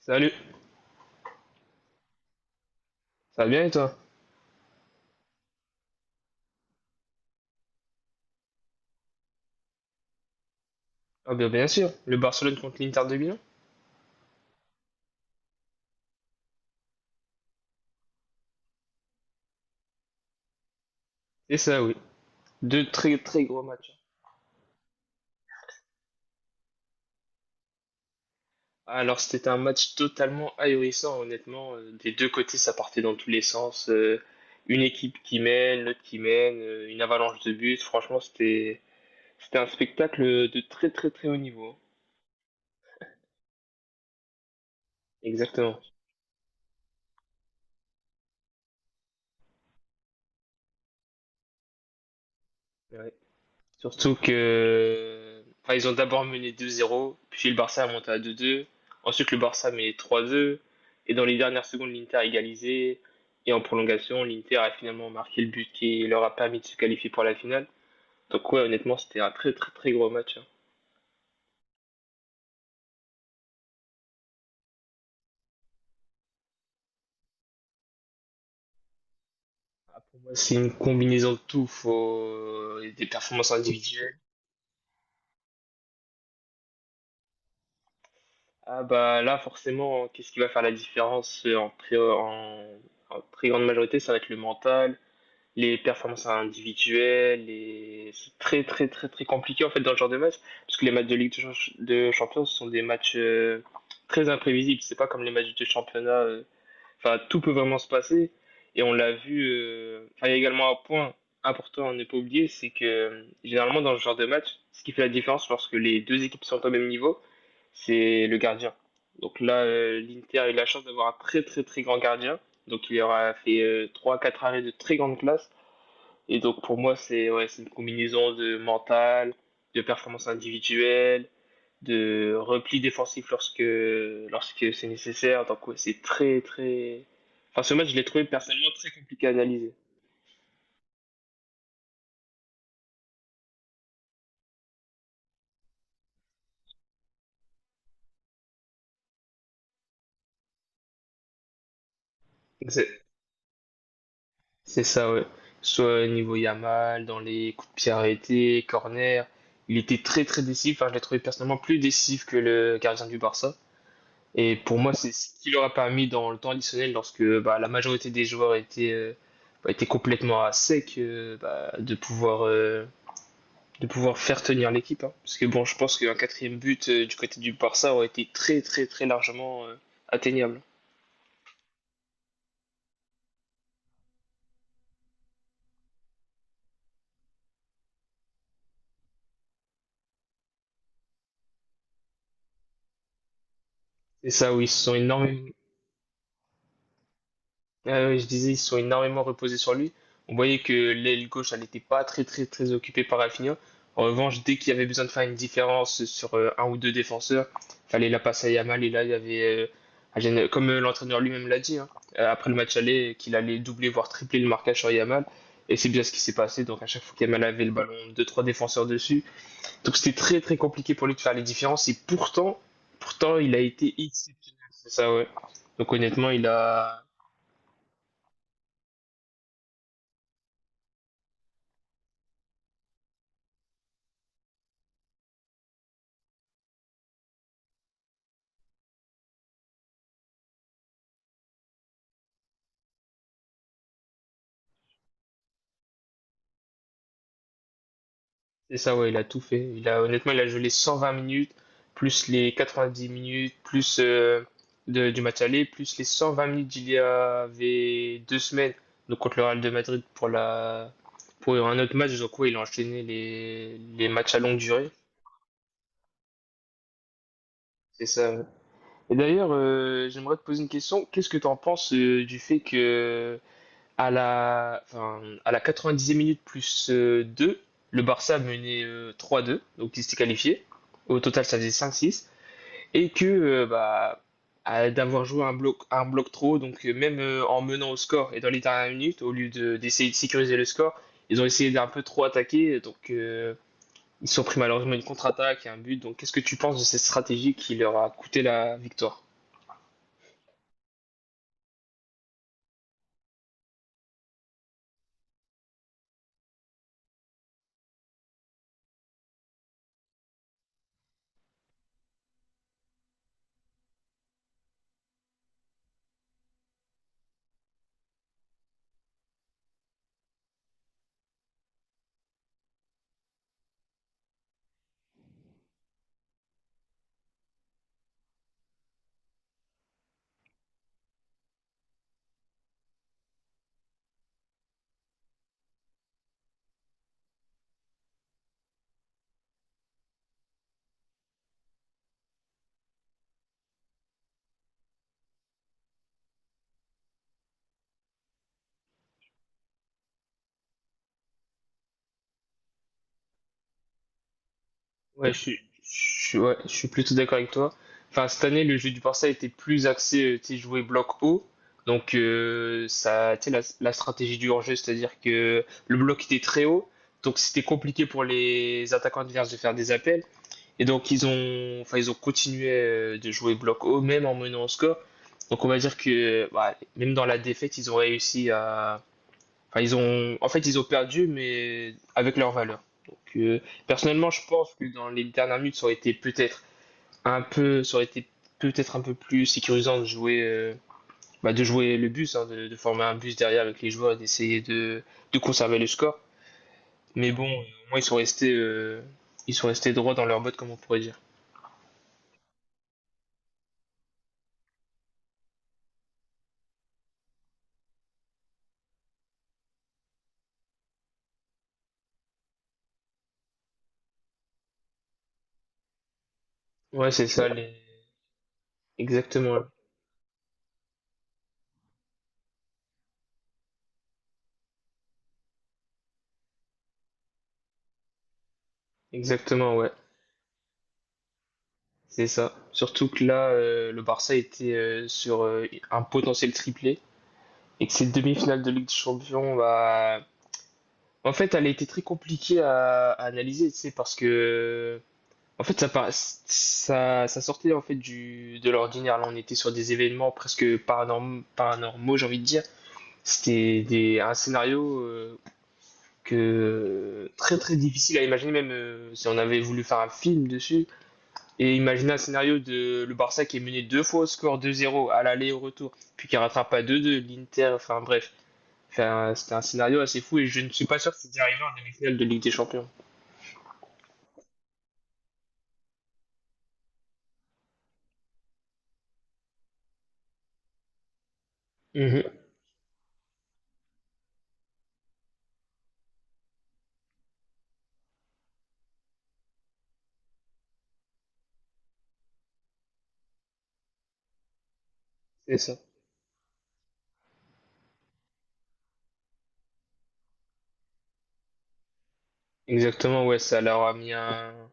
Salut, ça va bien et toi? Ah bien, bien sûr, le Barcelone contre l'Inter de Milan. C'est ça, oui. Deux très très gros matchs. Alors c'était un match totalement ahurissant, honnêtement. Des deux côtés, ça partait dans tous les sens. Une équipe qui mène, l'autre qui mène, une avalanche de buts. Franchement, c'était un spectacle de très très très haut niveau. Exactement. Ouais. Surtout que enfin, ils ont d'abord mené 2-0, puis le Barça a monté à 2-2. Ensuite, le Barça met 3-2. Et dans les dernières secondes, l'Inter a égalisé. Et en prolongation, l'Inter a finalement marqué le but qui leur a permis de se qualifier pour la finale. Donc ouais, honnêtement, c'était un très très très gros match, hein. Ah, pour moi, c'est une combinaison de tout. Faut des performances individuelles. Ah bah là, forcément, qu'est-ce qui va faire la différence en très grande majorité, ça va être le mental, les performances individuelles, et c'est très très très très compliqué en fait dans ce genre de match, parce que les matchs de de Champions sont des matchs très imprévisibles, c'est pas comme les matchs de championnat, enfin tout peut vraiment se passer, et on l'a vu, enfin, il y a également un point important à ne pas oublier, c'est que généralement dans ce genre de match, ce qui fait la différence lorsque les deux équipes sont au même niveau, c'est le gardien. Donc là, l'Inter a eu la chance d'avoir un très très très grand gardien, donc il aura fait trois quatre arrêts de très grande classe, et donc pour moi, c'est ouais, c'est une combinaison de mental, de performance individuelle, de repli défensif lorsque c'est nécessaire. Donc ouais, c'est très très... Enfin, ce match, je l'ai trouvé personnellement très compliqué à analyser. C'est c'est ça, ouais. Soit niveau Yamal, dans les coups de pied arrêtés, corner, il était très très décisif. Enfin, je l'ai trouvé personnellement plus décisif que le gardien du Barça. Et pour moi, c'est ce qui leur a permis dans le temps additionnel, lorsque bah, la majorité des joueurs étaient, bah, étaient complètement à sec, de de pouvoir faire tenir l'équipe, hein. Parce que bon, je pense qu'un quatrième but du côté du Barça aurait été très très très largement atteignable. C'est ça, oui, ils se sont énormément. Ah oui, je disais, ils se sont énormément reposés sur lui. On voyait que l'aile gauche, elle n'était pas très, très, très occupée par Rafinha. En revanche, dès qu'il y avait besoin de faire une différence sur un ou deux défenseurs, fallait la passer à Yamal. Et là, il y avait, comme l'entraîneur lui-même l'a dit, hein, après le match aller, qu'il allait doubler, voire tripler le marquage sur Yamal. Et c'est bien ce qui s'est passé. Donc, à chaque fois qu'Yamal avait le ballon, deux, trois défenseurs dessus. Donc, c'était très, très compliqué pour lui de faire les différences. Et pourtant, il a été exceptionnel. C'est ça, ouais. Donc, honnêtement, il a. C'est ça, ouais, il a tout fait. Il a, honnêtement, il a joué les 120 minutes, plus les 90 minutes, du match aller, plus les 120 minutes d'il y avait 2 semaines, donc contre le Real de Madrid pour pour un autre match. Donc, ouais, il a enchaîné les matchs à longue durée. C'est ça, ouais. Et d'ailleurs, j'aimerais te poser une question. Qu'est-ce que tu en penses du fait que à la 90e minute plus 2, le Barça menait 3-2, donc il s'était qualifié. Au total, ça faisait 5-6. Et que, d'avoir joué un bloc trop, donc même en menant au score et dans les dernières minutes, d'essayer de sécuriser le score, ils ont essayé d'un peu trop attaquer, ils se sont pris malheureusement une contre-attaque et un but. Donc qu'est-ce que tu penses de cette stratégie qui leur a coûté la victoire? Ouais, ouais, je suis plutôt d'accord avec toi. Enfin, cette année, le jeu du Barça était plus axé, tu sais, jouer bloc haut. Donc, ça, tu sais, la stratégie du hors-jeu, c'est-à-dire que le bloc était très haut. Donc, c'était compliqué pour les attaquants adverses de faire des appels. Et donc, ils ont continué de jouer bloc haut, même en menant au score. Donc, on va dire que, bah, même dans la défaite, ils ont réussi à, Enfin, ils ont, en fait, ils ont perdu, mais avec leur valeur. Donc, personnellement, je pense que dans les dernières minutes, ça aurait été peut-être un peu plus sécurisant de jouer, bah, de jouer le bus, hein, de former un bus derrière avec les joueurs, et d'essayer de conserver le score. Mais bon, au moins, ils sont restés droits dans leur botte, comme on pourrait dire. Ouais, c'est ça, les... exactement, ouais. exactement, ouais, c'est ça. Surtout que là, le Barça était sur un potentiel triplé. Et que cette demi-finale de Ligue des Champions, bah, en fait, elle a été très compliquée à analyser, tu sais, parce que, en fait, ça sortait en fait de l'ordinaire. Là, on était sur des événements presque paranormaux, j'ai envie de dire. C'était un scénario que très très difficile à imaginer, même si on avait voulu faire un film dessus. Et imaginer un scénario de le Barça qui est mené 2 fois au score 2-0 à l'aller et au retour, puis qui rattrape à 2-2, l'Inter, enfin bref. C'était un scénario assez fou et je ne suis pas sûr que c'est arrivé en demi-finale de Ligue des Champions. Mmh. C'est ça. Exactement, ouais, ça leur a mis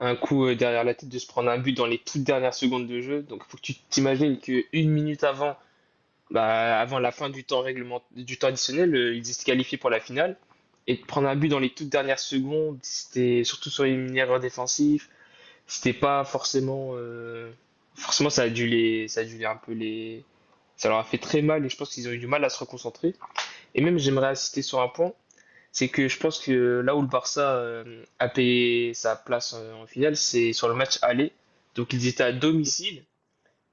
un coup derrière la tête de se prendre un but dans les toutes dernières secondes de jeu. Donc il faut que tu t'imagines que une minute avant, bah, avant la fin du temps additionnel, ils étaient qualifiés pour la finale. Et de prendre un but dans les toutes dernières secondes, c'était surtout sur les mineurs défensifs. C'était pas forcément. Forcément, ça a dû les un peu les. Ça leur a fait très mal et je pense qu'ils ont eu du mal à se reconcentrer. Et même, j'aimerais insister sur un point, c'est que je pense que là où le Barça a payé sa place en finale, c'est sur le match aller. Donc, ils étaient à domicile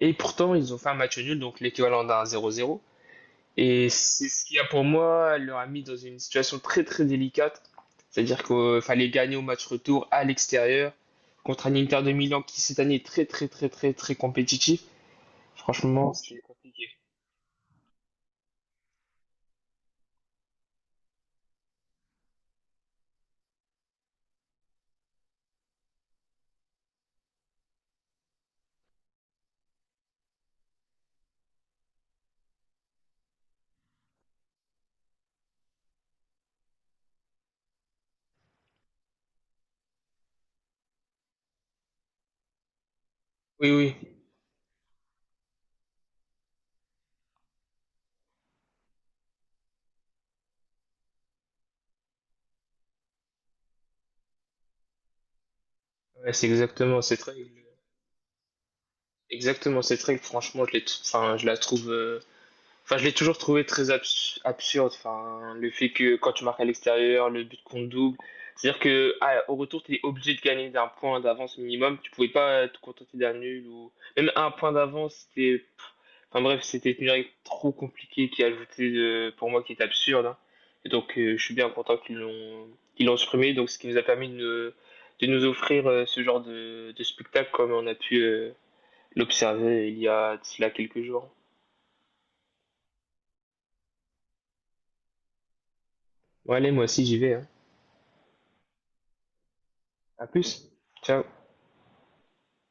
et pourtant, ils ont fait un match nul, donc l'équivalent d'un 0-0. Et c'est ce qui a pour moi leur mis dans une situation très très délicate. C'est-à-dire qu'il fallait gagner au match retour à l'extérieur contre un Inter de Milan qui cette année est très très très très très compétitif. Franchement, c'est compliqué. Oui, oui. Ouais, c'est exactement cette règle. Exactement cette règle, franchement, je la trouve je l'ai toujours trouvé très absurde. Enfin, le fait que quand tu marques à l'extérieur, le but compte double. C'est-à-dire que ah, au retour, tu es obligé de gagner d'un point d'avance minimum. Tu pouvais pas te contenter d'un nul ou même un point d'avance. C'était, pff, enfin bref, c'était une règle trop compliquée pour moi qui est absurde, hein. Et donc, je suis bien content qu'ils l'ont supprimé. Donc, ce qui nous a permis de, ne- de nous offrir ce genre de spectacle comme on a pu l'observer il y a de cela quelques jours. Bon, allez, moi aussi j'y vais, hein. À plus. Ciao.